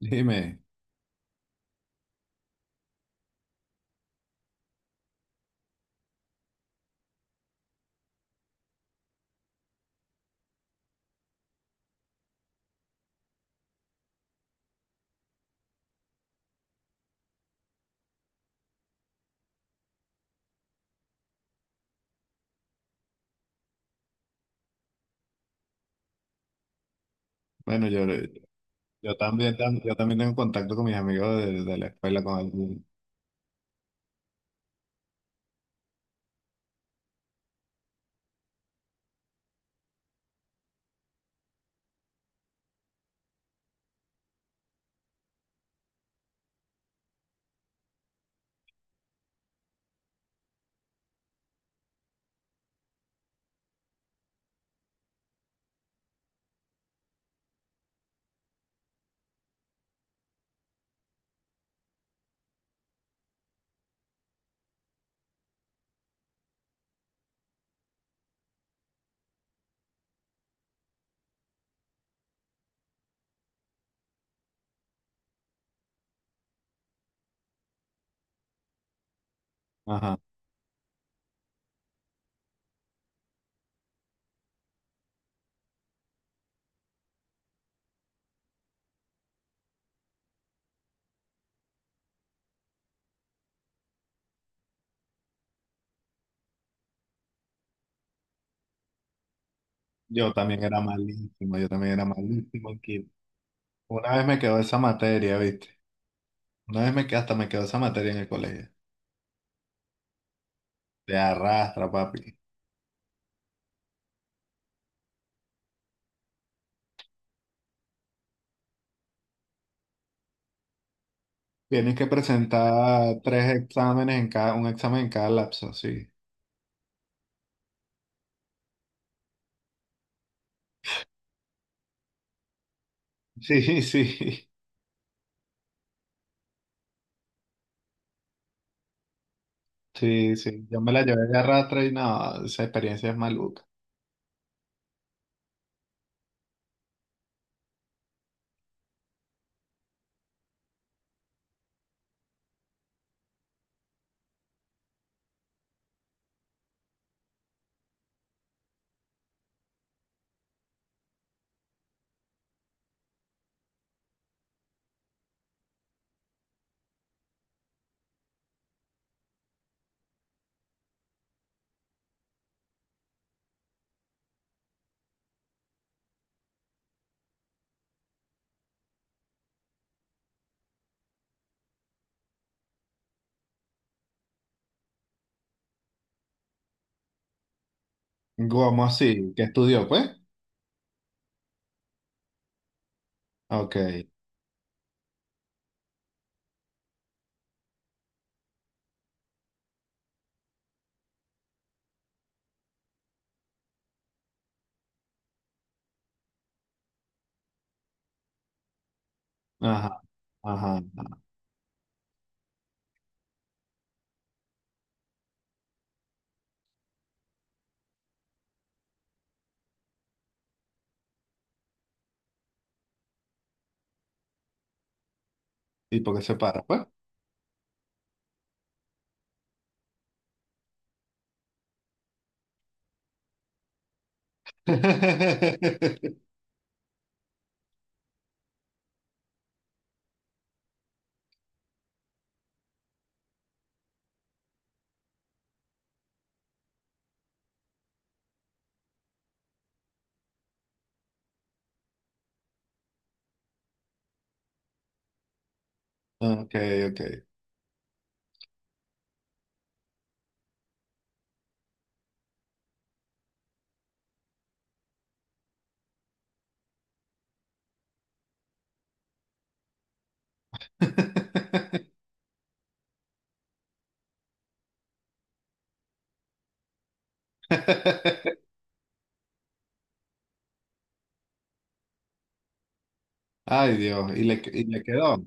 Dime. Bueno, yo también tengo contacto con mis amigos de la escuela, con algún, ajá, yo también era malísimo, yo también era malísimo en química. Una vez me quedó esa materia, ¿viste? Una vez me quedó, hasta me quedó esa materia en el colegio. Te arrastra, papi. Tienes que presentar tres exámenes en cada, un examen en cada lapso, sí. Sí, sí. Yo me la llevé de arrastra y no, esa experiencia es maluca. ¿Cómo así? ¿Qué estudió, pues? Ok. Ajá, ajá. ¿Y por qué se para? Pues. Ok, ok. Ay, Dios, y le quedó.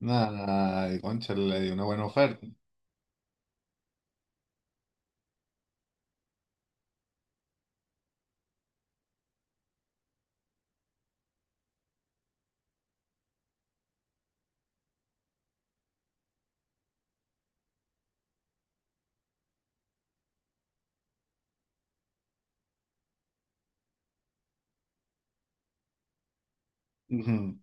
Nada, concha, le dio una buena oferta. Ujú.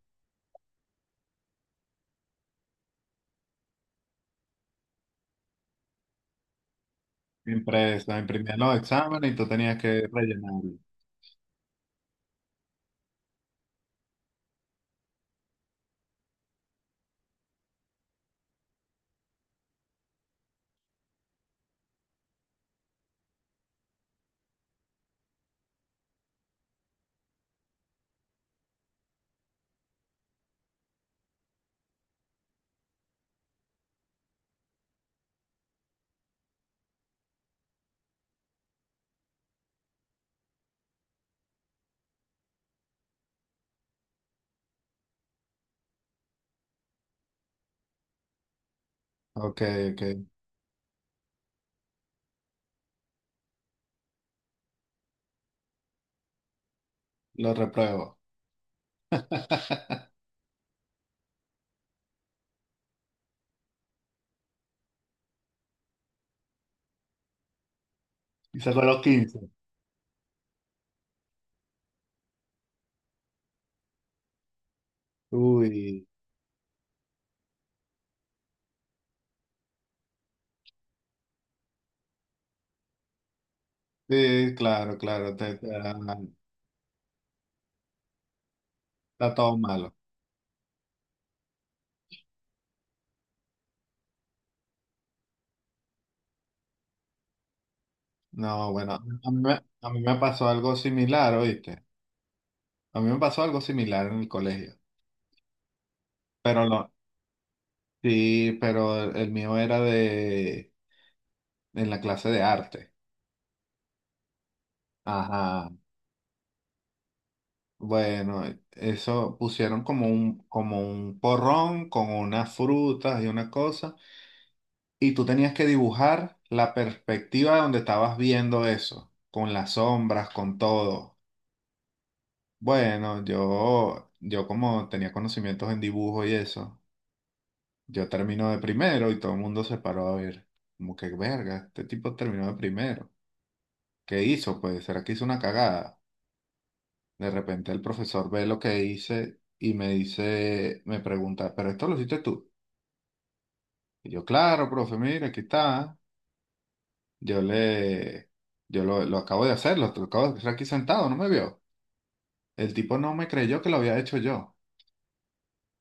Impresa, imprimían los exámenes y tú tenías que rellenarlo. Ok, ok, lo repruebo. Y sacó los quince. Uy, sí, claro, claro, está todo malo. No, bueno, a mí, me- A mí me pasó algo similar, ¿oíste? A mí me pasó algo similar en el colegio. Pero lo, sí, pero el mío era de en la clase de arte. Ajá. Bueno, eso pusieron como como un porrón con unas frutas y una cosa, y tú tenías que dibujar la perspectiva de donde estabas viendo eso, con las sombras, con todo. Bueno, yo como tenía conocimientos en dibujo y eso, yo termino de primero y todo el mundo se paró a ver, como que verga, este tipo terminó de primero. ¿Qué hizo? Pues, ¿será que hizo una cagada? De repente el profesor ve lo que hice y me dice, me pregunta, ¿pero esto lo hiciste tú? Y yo, claro, profe, mire, aquí está. Yo le, yo lo acabo de hacer, lo acabo de hacer aquí sentado, no me vio. El tipo no me creyó que lo había hecho yo,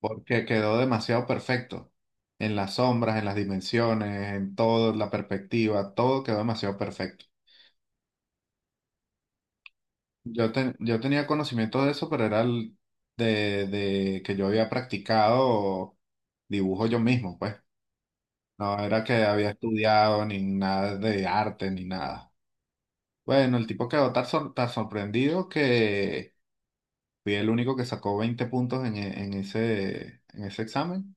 porque quedó demasiado perfecto. En las sombras, en las dimensiones, en todo, la perspectiva, todo quedó demasiado perfecto. Yo tenía conocimiento de eso, pero era el de que yo había practicado dibujo yo mismo, pues. No era que había estudiado ni nada de arte ni nada. Bueno, el tipo quedó tan, tan sorprendido que fui el único que sacó 20 puntos en ese examen.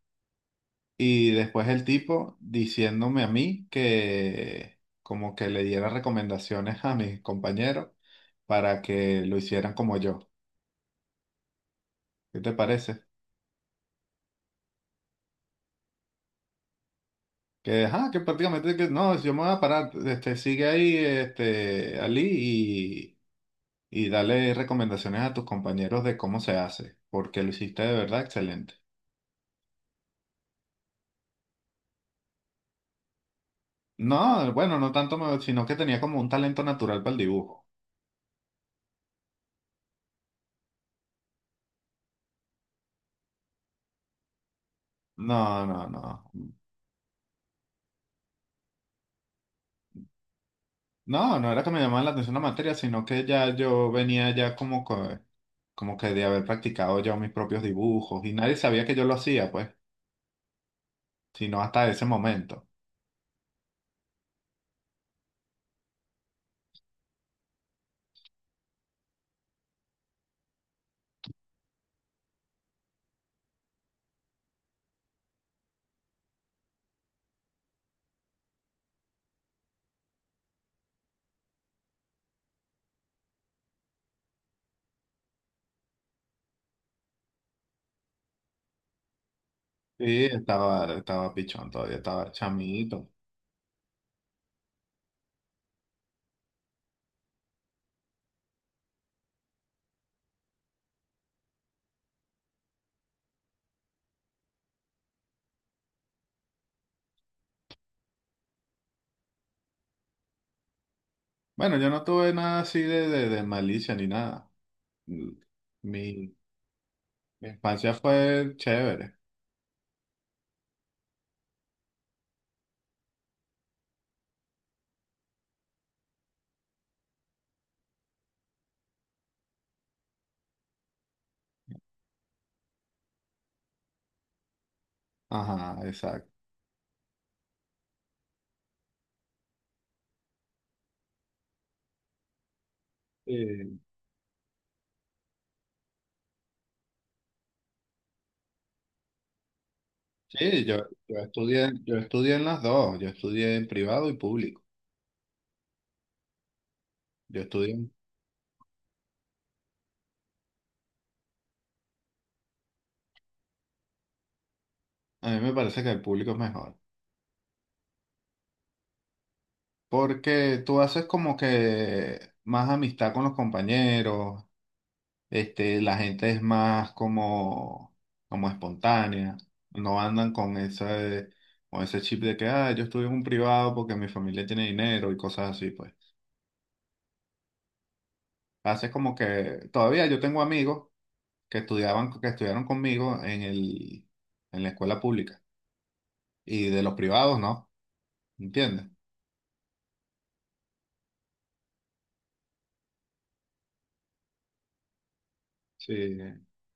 Y después el tipo diciéndome a mí que como que le diera recomendaciones a mis compañeros para que lo hicieran como yo. ¿Qué te parece? Que, ajá, que prácticamente que no, yo me voy a parar, este, sigue ahí, este, Ali, y dale recomendaciones a tus compañeros de cómo se hace, porque lo hiciste de verdad excelente. No, bueno, no tanto, sino que tenía como un talento natural para el dibujo. No, no, no. No, no era que me llamaba la atención la materia, sino que ya yo venía ya como que de haber practicado ya mis propios dibujos, y nadie sabía que yo lo hacía, pues, sino hasta ese momento. Sí, estaba, estaba pichón todavía, estaba chamito. Bueno, yo no tuve nada así de malicia ni nada. Mm. Mi, mi infancia fue chévere. Ajá, exacto. Eh, sí, yo, yo estudié en las dos. Yo estudié en privado y público. Yo estudié en- A mí me parece que el público es mejor. Porque tú haces como que más amistad con los compañeros. Este, la gente es más como, como espontánea, no andan con ese chip de que, ah, yo estuve en un privado porque mi familia tiene dinero y cosas así, pues. Hace como que, todavía yo tengo amigos que estudiaban, que estudiaron conmigo en la escuela pública y de los privados no, ¿entiendes? Sí,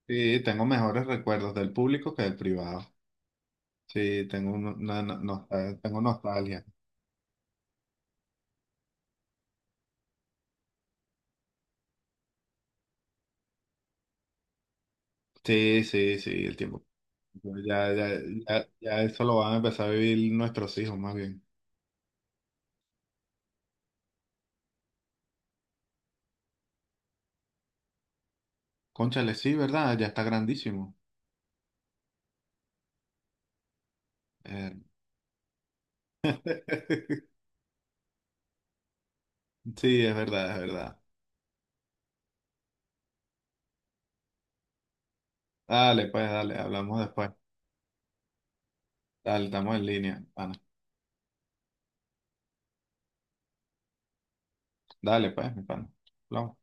sí, tengo mejores recuerdos del público que del privado. Sí, tengo, tengo nostalgia. Sí, sí, sí, el tiempo. Pues Ya, ya, ya eso lo van a empezar a vivir nuestros hijos, más bien. Cónchale, sí, ¿verdad? Ya está grandísimo. Eh, sí, es verdad, es verdad. Dale, pues, dale, hablamos después. Dale, estamos en línea, pana. Dale, pues, mi pana. Hablamos.